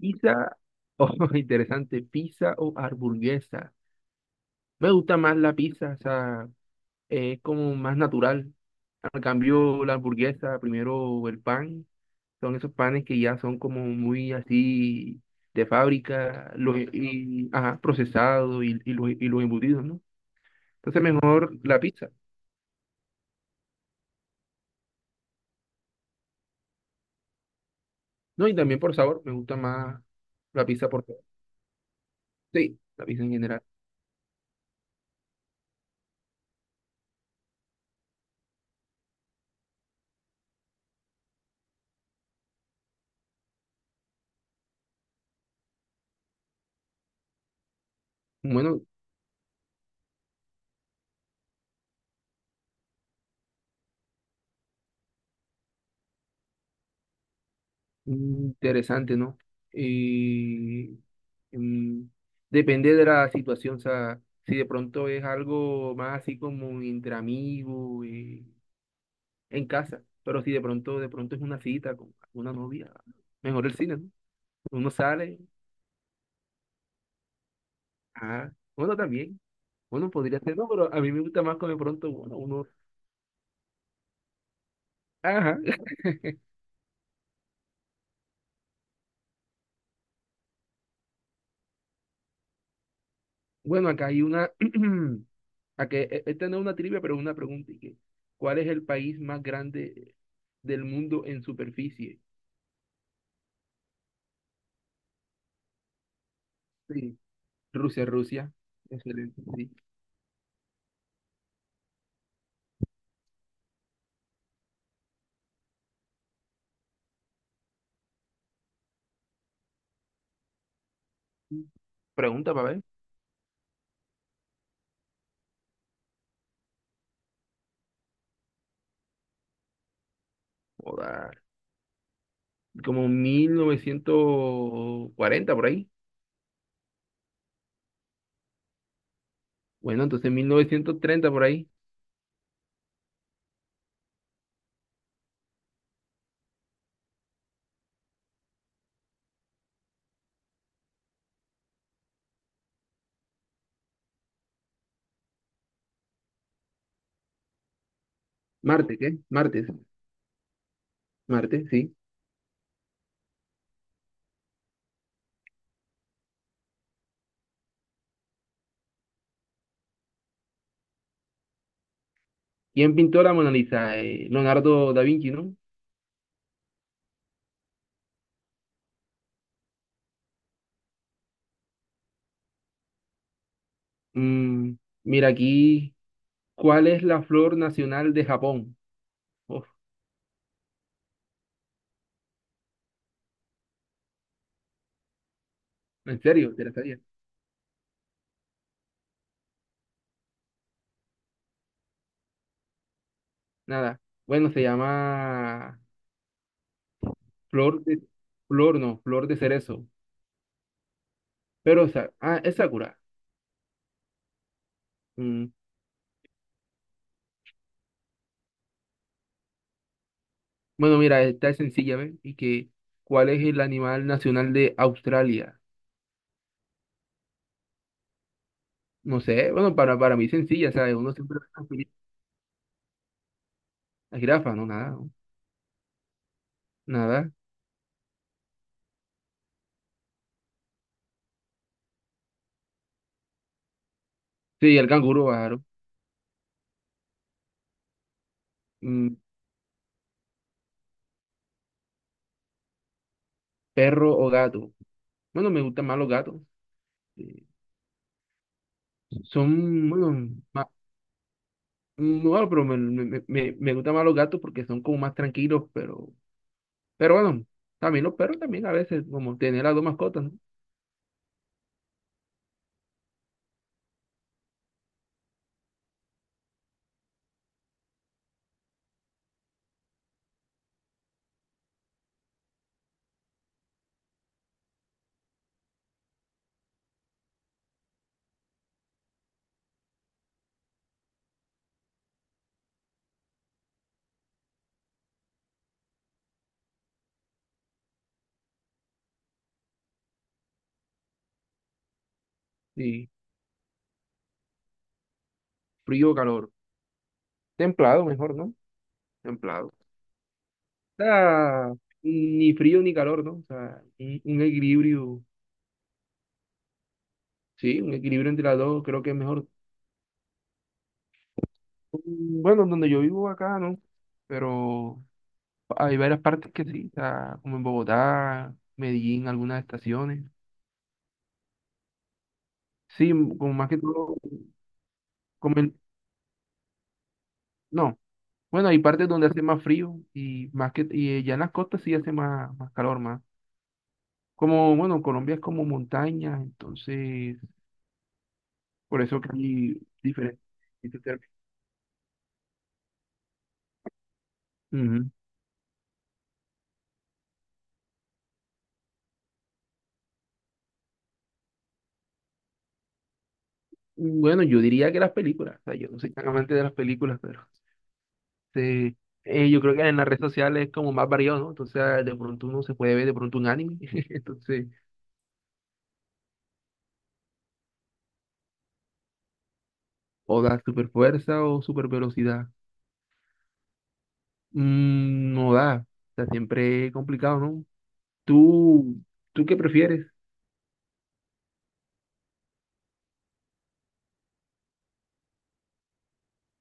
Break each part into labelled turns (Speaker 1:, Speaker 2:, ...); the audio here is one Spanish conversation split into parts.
Speaker 1: Pizza o interesante, pizza o hamburguesa. Me gusta más la pizza, o sea, es como más natural. Al cambio, la hamburguesa, primero el pan, son esos panes que ya son como muy así de fábrica, ajá, procesados y los embutidos, ¿no? Entonces, mejor la pizza, ¿no? Y también por sabor, me gusta más la pizza por sabor. Sí, la pizza en general. Bueno, interesante, ¿no? Eh, Mm, Depende de la situación, o sea, si de pronto es algo más así como entre amigos, en casa, pero si de pronto, es una cita con una novia, mejor el cine, ¿no? Uno sale, ah, bueno, también, bueno, podría ser, no, pero a mí me gusta más con de pronto, bueno, uno, ajá, bueno, acá hay una, acá, esta no es una trivia, pero es una pregunta, y que, ¿cuál es el país más grande del mundo en superficie? Sí, Rusia, Rusia, excelente, sí. Pregunta para ver. Joda, como 1940 por ahí. Bueno, entonces 1930 por ahí. Marte, ¿qué? Martes. Marte, sí. ¿Quién pintó la Mona Lisa? Leonardo da Vinci, ¿no? Mm, mira aquí, ¿cuál es la flor nacional de Japón? Uf, ¿en serio? ¿Te la sabías? Nada. Bueno, se llama flor de... Flor, no, flor de cerezo. Pero, ah, es Sakura. Mm, Bueno, mira, esta es sencilla, ¿ves? Y que, ¿cuál es el animal nacional de Australia? No sé, bueno, para mí sencilla, ¿sabes? Uno siempre ve la jirafa, no, nada, no, nada. Sí, el canguro, claro. Mm, perro o gato. Bueno, me gustan más los gatos. Eh, Son, bueno, más, bueno pero me gustan más los gatos porque son como más tranquilos, pero bueno, también los perros también a veces, como tener las dos mascotas, ¿no? Sí, frío o calor. Templado mejor, ¿no? Templado. Sea, ni frío ni calor, ¿no? O sea, un equilibrio, sí, un equilibrio entre las dos, creo que es mejor. Bueno, donde yo vivo acá, ¿no? Pero hay varias partes que sí, o sea, como en Bogotá, Medellín, algunas estaciones. Sí, como más que todo, como en- no. Bueno, hay partes donde hace más frío y más que y ya en las costas sí hace más calor, más. Como, bueno, Colombia es como montaña, entonces, por eso que hay diferentes. Bueno, yo diría que las películas, o sea, yo no soy tan amante de las películas, pero este, yo creo que en las redes sociales es como más variado, ¿no? Entonces, ah, de pronto uno se puede ver de pronto un anime, entonces, o da super fuerza o super velocidad. No da, o sea, siempre es complicado, ¿no? ¿Tú, tú qué prefieres?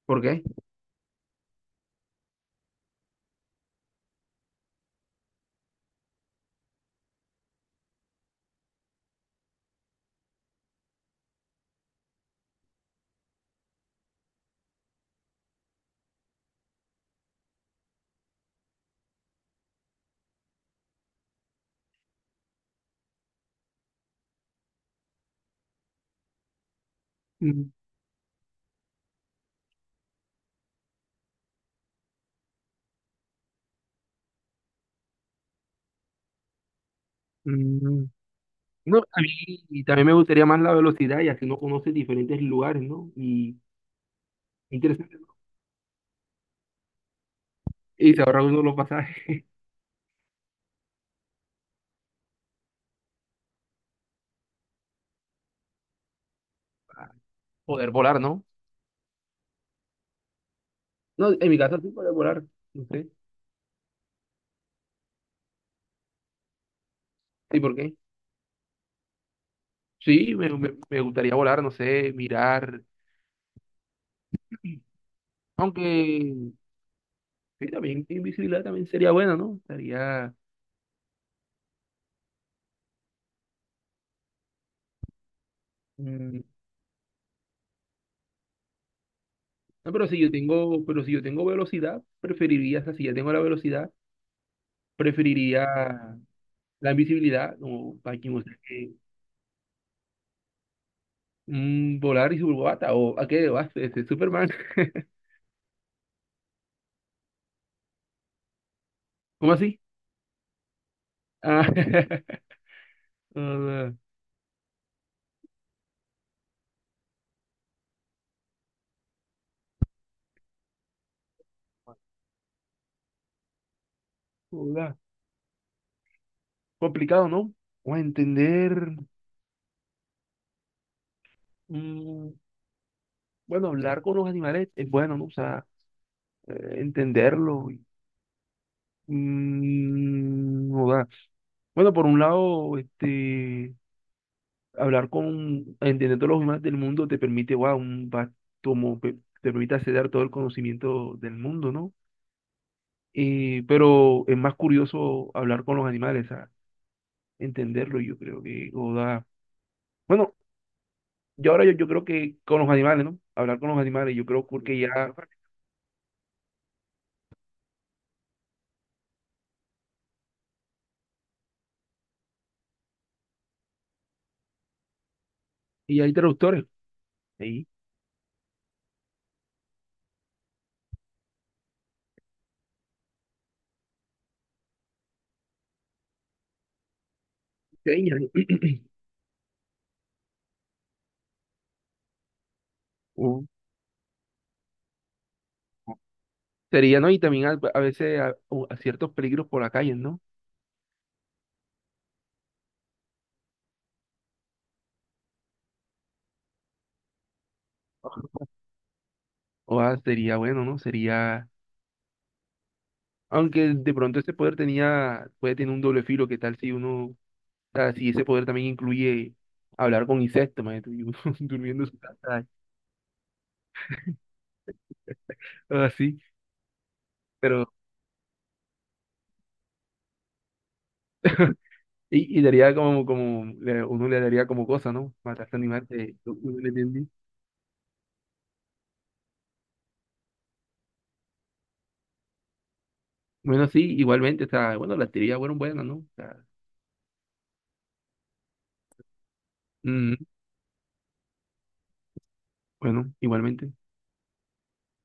Speaker 1: ¿Por qué? Mm, mm, no, a mí también me gustaría más la velocidad y así uno conoce diferentes lugares, ¿no? Y interesante, ¿no? Y se ahorra uno los pasajes para poder volar, ¿no? No, en mi caso sí podría volar, no sé. ¿Y por qué? Sí, me gustaría volar, no sé, mirar. Aunque sí, también invisibilidad también sería buena, ¿no? Estaría. mm, no, pero si yo tengo velocidad, preferiría, o sea, si ya tengo la velocidad, preferiría la invisibilidad, como para quien usted que volar y superbata, o a qué vas, este, Superman. ¿Cómo así? Ah, hola, hola. Complicado, ¿no? O a entender. mm, bueno, hablar con los animales es bueno, ¿no? O sea, entenderlo. O sea, bueno, por un lado, este, entendiendo los animales del mundo te permite, wow, un, va- como, pe- te permite acceder todo el conocimiento del mundo, ¿no? Pero es más curioso hablar con los animales, a sea, entenderlo, yo creo que, o sea, bueno, yo creo que con los animales, ¿no? Hablar con los animales, yo creo que ya, y hay traductores, ahí, señas, ¿no? Sería, ¿no? Y también a veces a ciertos peligros por la calle, ¿no? O ah, sería bueno, ¿no? Sería, aunque de pronto ese poder tenía, puede tener un doble filo, ¿qué tal si uno, o sea, si ese poder también incluye hablar con insectos, man, y uno durmiendo en su casa, o así, pero, y daría como, uno le daría como cosa, ¿no? Matar a animales, uno le entiende. Bueno, sí, igualmente, o sea, bueno, las teorías fueron buenas, ¿no? O sea, mm, bueno, igualmente.